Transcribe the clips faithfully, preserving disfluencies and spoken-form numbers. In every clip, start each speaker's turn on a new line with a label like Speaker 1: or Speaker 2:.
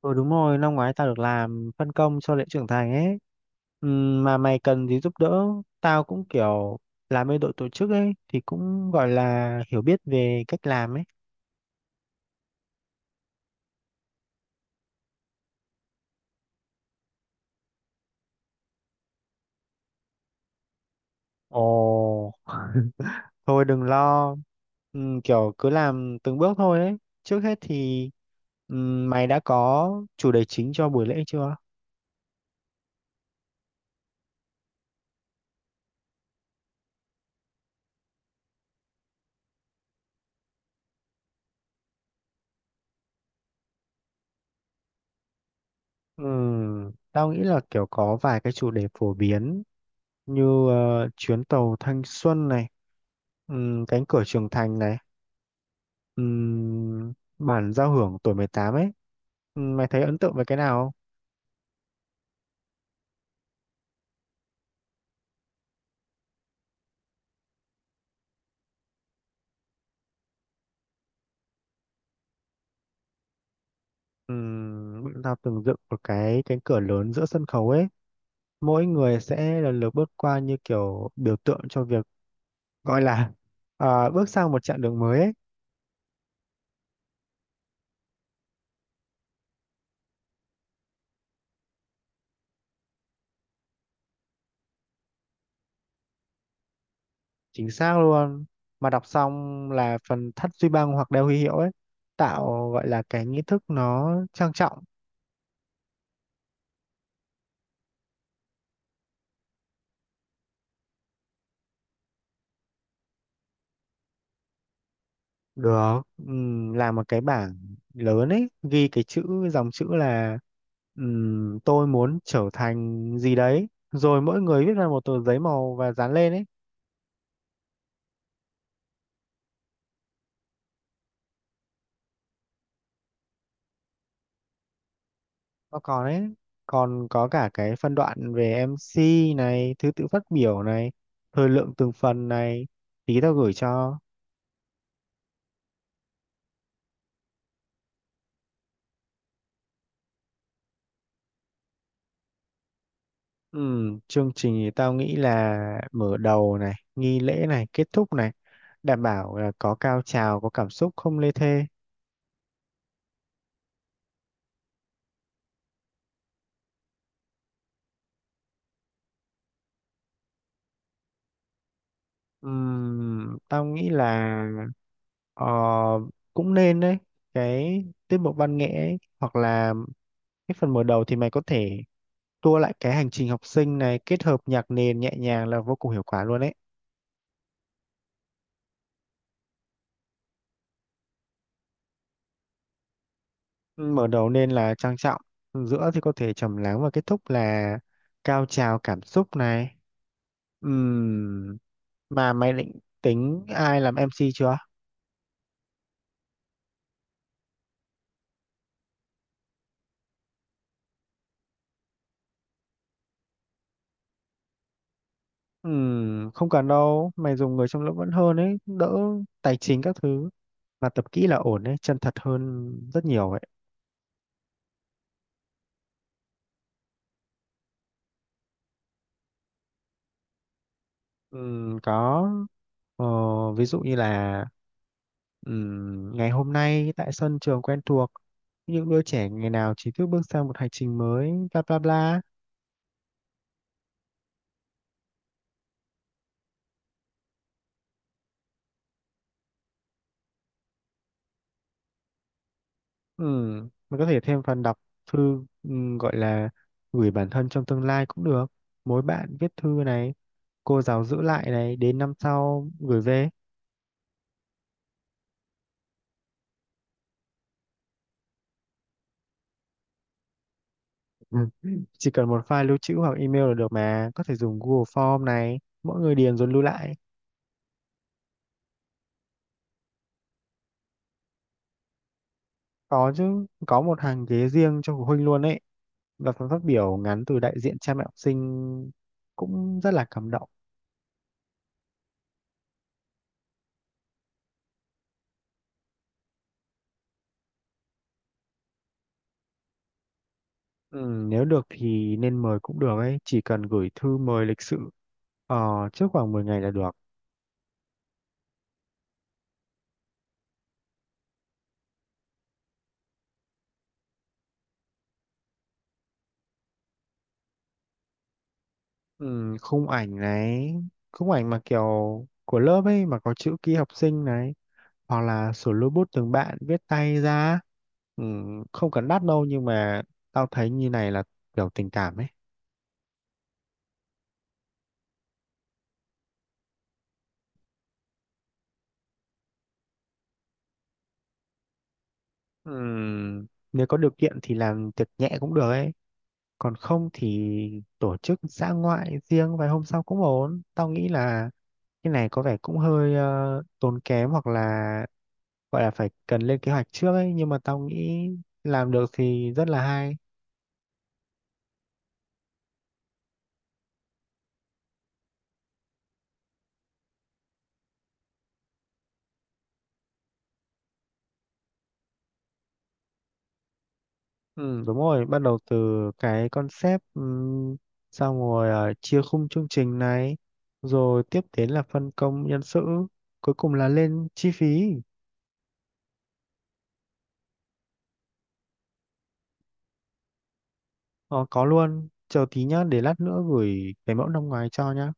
Speaker 1: Ừ đúng rồi, năm ngoái tao được làm phân công cho lễ trưởng thành ấy. Ừm, mà mày cần gì giúp đỡ, tao cũng kiểu làm bên đội tổ chức ấy thì cũng gọi là hiểu biết về cách làm ấy. Ồ, thôi đừng lo. Ừm, kiểu cứ làm từng bước thôi ấy. Trước hết thì ừm, mày đã có chủ đề chính cho buổi lễ chưa? Ừm, tao nghĩ là kiểu có vài cái chủ đề phổ biến như ờ, chuyến tàu thanh xuân này, ừm, cánh cửa trưởng thành này. Ừm, bản giao hưởng tuổi mười tám ấy. Ừm, mày thấy ấn tượng với cái nào không? Ừm, bọn tao từng dựng một cái cánh cửa lớn giữa sân khấu ấy, mỗi người sẽ lần lượt bước qua như kiểu biểu tượng cho việc gọi là à, bước sang một chặng đường mới ấy. Chính xác luôn, mà đọc xong là phần thắt duy băng hoặc đeo huy hiệu ấy, tạo gọi là cái nghi thức nó trang trọng. Được, ừm, làm một cái bảng lớn ấy, ghi cái chữ, dòng chữ là ừm, tôi muốn trở thành gì đấy. Rồi mỗi người viết ra một tờ giấy màu và dán lên ấy. Nó còn ấy, còn có cả cái phân đoạn về em xê này, thứ tự phát biểu này, thời lượng từng phần này, tí tao gửi cho. Ừm, chương trình thì tao nghĩ là mở đầu này, nghi lễ này, kết thúc này, đảm bảo là có cao trào, có cảm xúc, không lê thê. Ừm, tao nghĩ là ờ, cũng nên đấy, cái tiết mục văn nghệ ấy, hoặc là cái phần mở đầu thì mày có thể tua lại cái hành trình học sinh này kết hợp nhạc nền nhẹ nhàng là vô cùng hiệu quả luôn đấy. Mở đầu nên là trang trọng, giữa thì có thể trầm lắng và kết thúc là cao trào cảm xúc này. Ừm, mà mày định tính ai làm em xê chưa? Ừm, không cần đâu, mày dùng người trong lớp vẫn hơn ấy, đỡ tài chính các thứ. Mà tập kỹ là ổn ấy, chân thật hơn rất nhiều ấy. Ừm, có, ờ, ví dụ như là ừm, ngày hôm nay tại sân trường quen thuộc, những đứa trẻ ngày nào chỉ thức bước sang một hành trình mới, bla bla bla. Ừm, mình có thể thêm phần đọc thư ừm, gọi là gửi bản thân trong tương lai cũng được. Mỗi bạn viết thư này, cô giáo giữ lại này, đến năm sau gửi về. Ừ. Chỉ cần một file lưu trữ hoặc email là được, mà có thể dùng Google Form này, mỗi người điền rồi lưu lại. Có chứ, có một hàng ghế riêng cho phụ huynh luôn ấy, và phần phát biểu ngắn từ đại diện cha mẹ học sinh cũng rất là cảm động. ừ, Nếu được thì nên mời cũng được ấy, chỉ cần gửi thư mời lịch sự, ờ, trước khoảng mười ngày là được. ừ, Khung ảnh này, khung ảnh mà kiểu của lớp ấy mà có chữ ký học sinh này, hoặc là sửa robot từng bạn viết tay ra. ừ, Không cần đắt đâu, nhưng mà tao thấy như này là kiểu tình cảm ấy. ừ, Nếu có điều kiện thì làm tiệc nhẹ cũng được ấy, còn không thì tổ chức dã ngoại riêng vài hôm sau cũng ổn. Tao nghĩ là cái này có vẻ cũng hơi ờ, tốn kém, hoặc là gọi là phải cần lên kế hoạch trước ấy, nhưng mà tao nghĩ làm được thì rất là hay. Ừ, đúng rồi, bắt đầu từ cái concept, ừm, xong rồi ờ, chia khung chương trình này, rồi tiếp đến là phân công nhân sự, cuối cùng là lên chi phí. Ờ, có luôn, chờ tí nhá, để lát nữa gửi cái mẫu năm ngoái cho nhá.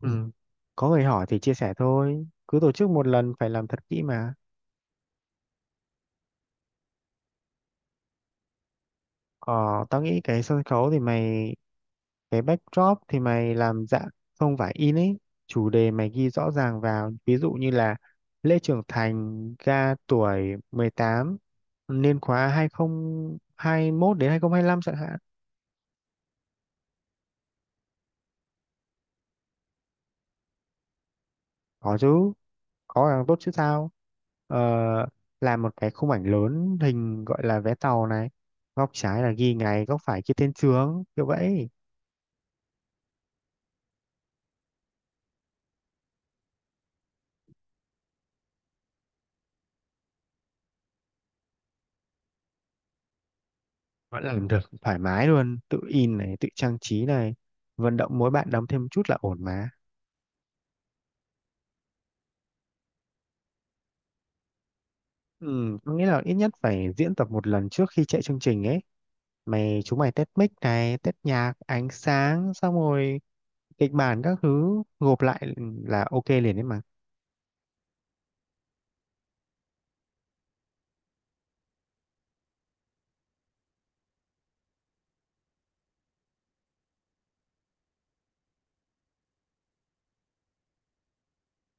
Speaker 1: Ừ. Có người hỏi thì chia sẻ thôi, cứ tổ chức một lần phải làm thật kỹ mà. Ờ, tao nghĩ cái sân khấu thì mày, cái backdrop thì mày làm dạng không phải in ấy, chủ đề mày ghi rõ ràng vào, ví dụ như là lễ trưởng thành ga tuổi mười tám, niên khóa hai không hai một đến hai không hai lăm chẳng hạn. Có chứ, có càng tốt chứ sao. ờ, làm một cái khung ảnh lớn hình gọi là vé tàu này, góc trái là ghi ngày, góc phải ghi tên trường kiểu vậy. Vẫn làm được thoải mái luôn, tự in này, tự trang trí này, vận động mỗi bạn đóng thêm một chút là ổn mà. Ừ, có nghĩa là ít nhất phải diễn tập một lần trước khi chạy chương trình ấy. Mày chúng mày test mic này, test nhạc, ánh sáng, xong rồi kịch bản các thứ gộp lại là ok liền đấy mà.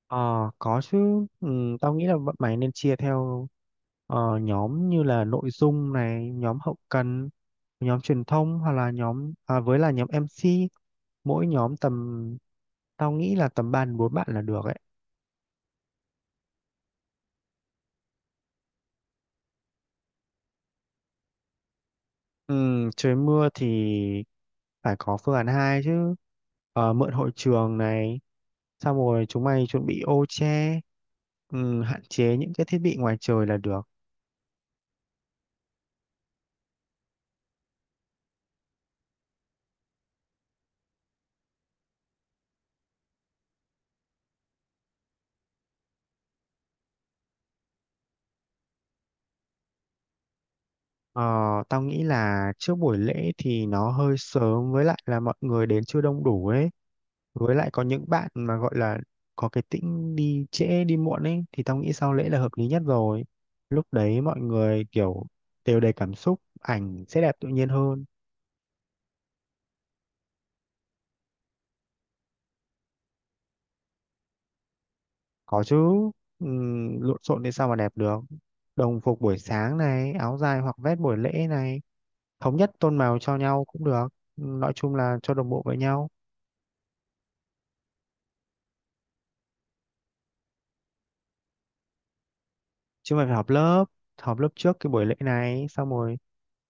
Speaker 1: Ờ, có chứ. Ừ, tao nghĩ là bọn mày nên chia theo ờ, nhóm như là nội dung này, nhóm hậu cần, nhóm truyền thông, hoặc là nhóm à, với là nhóm em xê, mỗi nhóm tầm tao nghĩ là tầm ba đến bốn bạn là được ấy. Ừ, trời mưa thì phải có phương án hai chứ. Ờ, mượn hội trường này, xong rồi chúng mày chuẩn bị ô che, ừ, hạn chế những cái thiết bị ngoài trời là được. Ờ, tao nghĩ là trước buổi lễ thì nó hơi sớm, với lại là mọi người đến chưa đông đủ ấy. Với lại có những bạn mà gọi là có cái tính đi trễ đi muộn ấy, thì tao nghĩ sau lễ là hợp lý nhất rồi. Lúc đấy mọi người kiểu đều đầy cảm xúc, ảnh sẽ đẹp tự nhiên hơn. Có chứ, ừm, lộn xộn thì sao mà đẹp được. Đồng phục buổi sáng này, áo dài hoặc vest buổi lễ này, thống nhất tôn màu cho nhau cũng được. Nói chung là cho đồng bộ với nhau. Chứ mà phải họp lớp, họp lớp trước cái buổi lễ này, xong rồi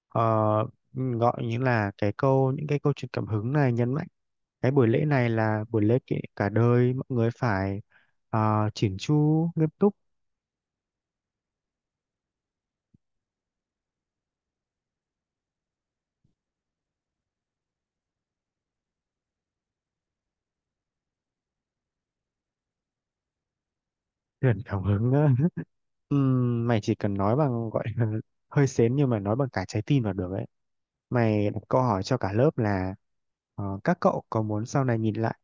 Speaker 1: ờ, gọi như là cái câu, những cái câu chuyện cảm hứng này nhấn mạnh. Cái buổi lễ này là buổi lễ kỷ- cả đời, mọi người phải ờ, chỉn chu, nghiêm túc. Truyền cảm hứng. Á. Ừm, mày chỉ cần nói bằng gọi là hơi sến, nhưng mà nói bằng cả trái tim là được ấy. Mày đặt câu hỏi cho cả lớp là ờ, các cậu có muốn sau này nhìn lại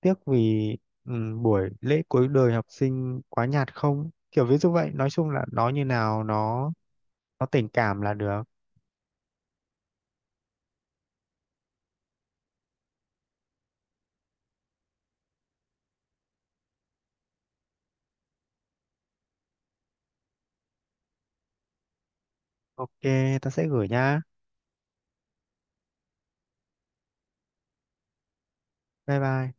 Speaker 1: tiếc vì ừm, buổi lễ cuối đời học sinh quá nhạt không? Kiểu ví dụ vậy, nói chung là nó như nào nó nó tình cảm là được. Ok, ta sẽ gửi nha. Bye bye.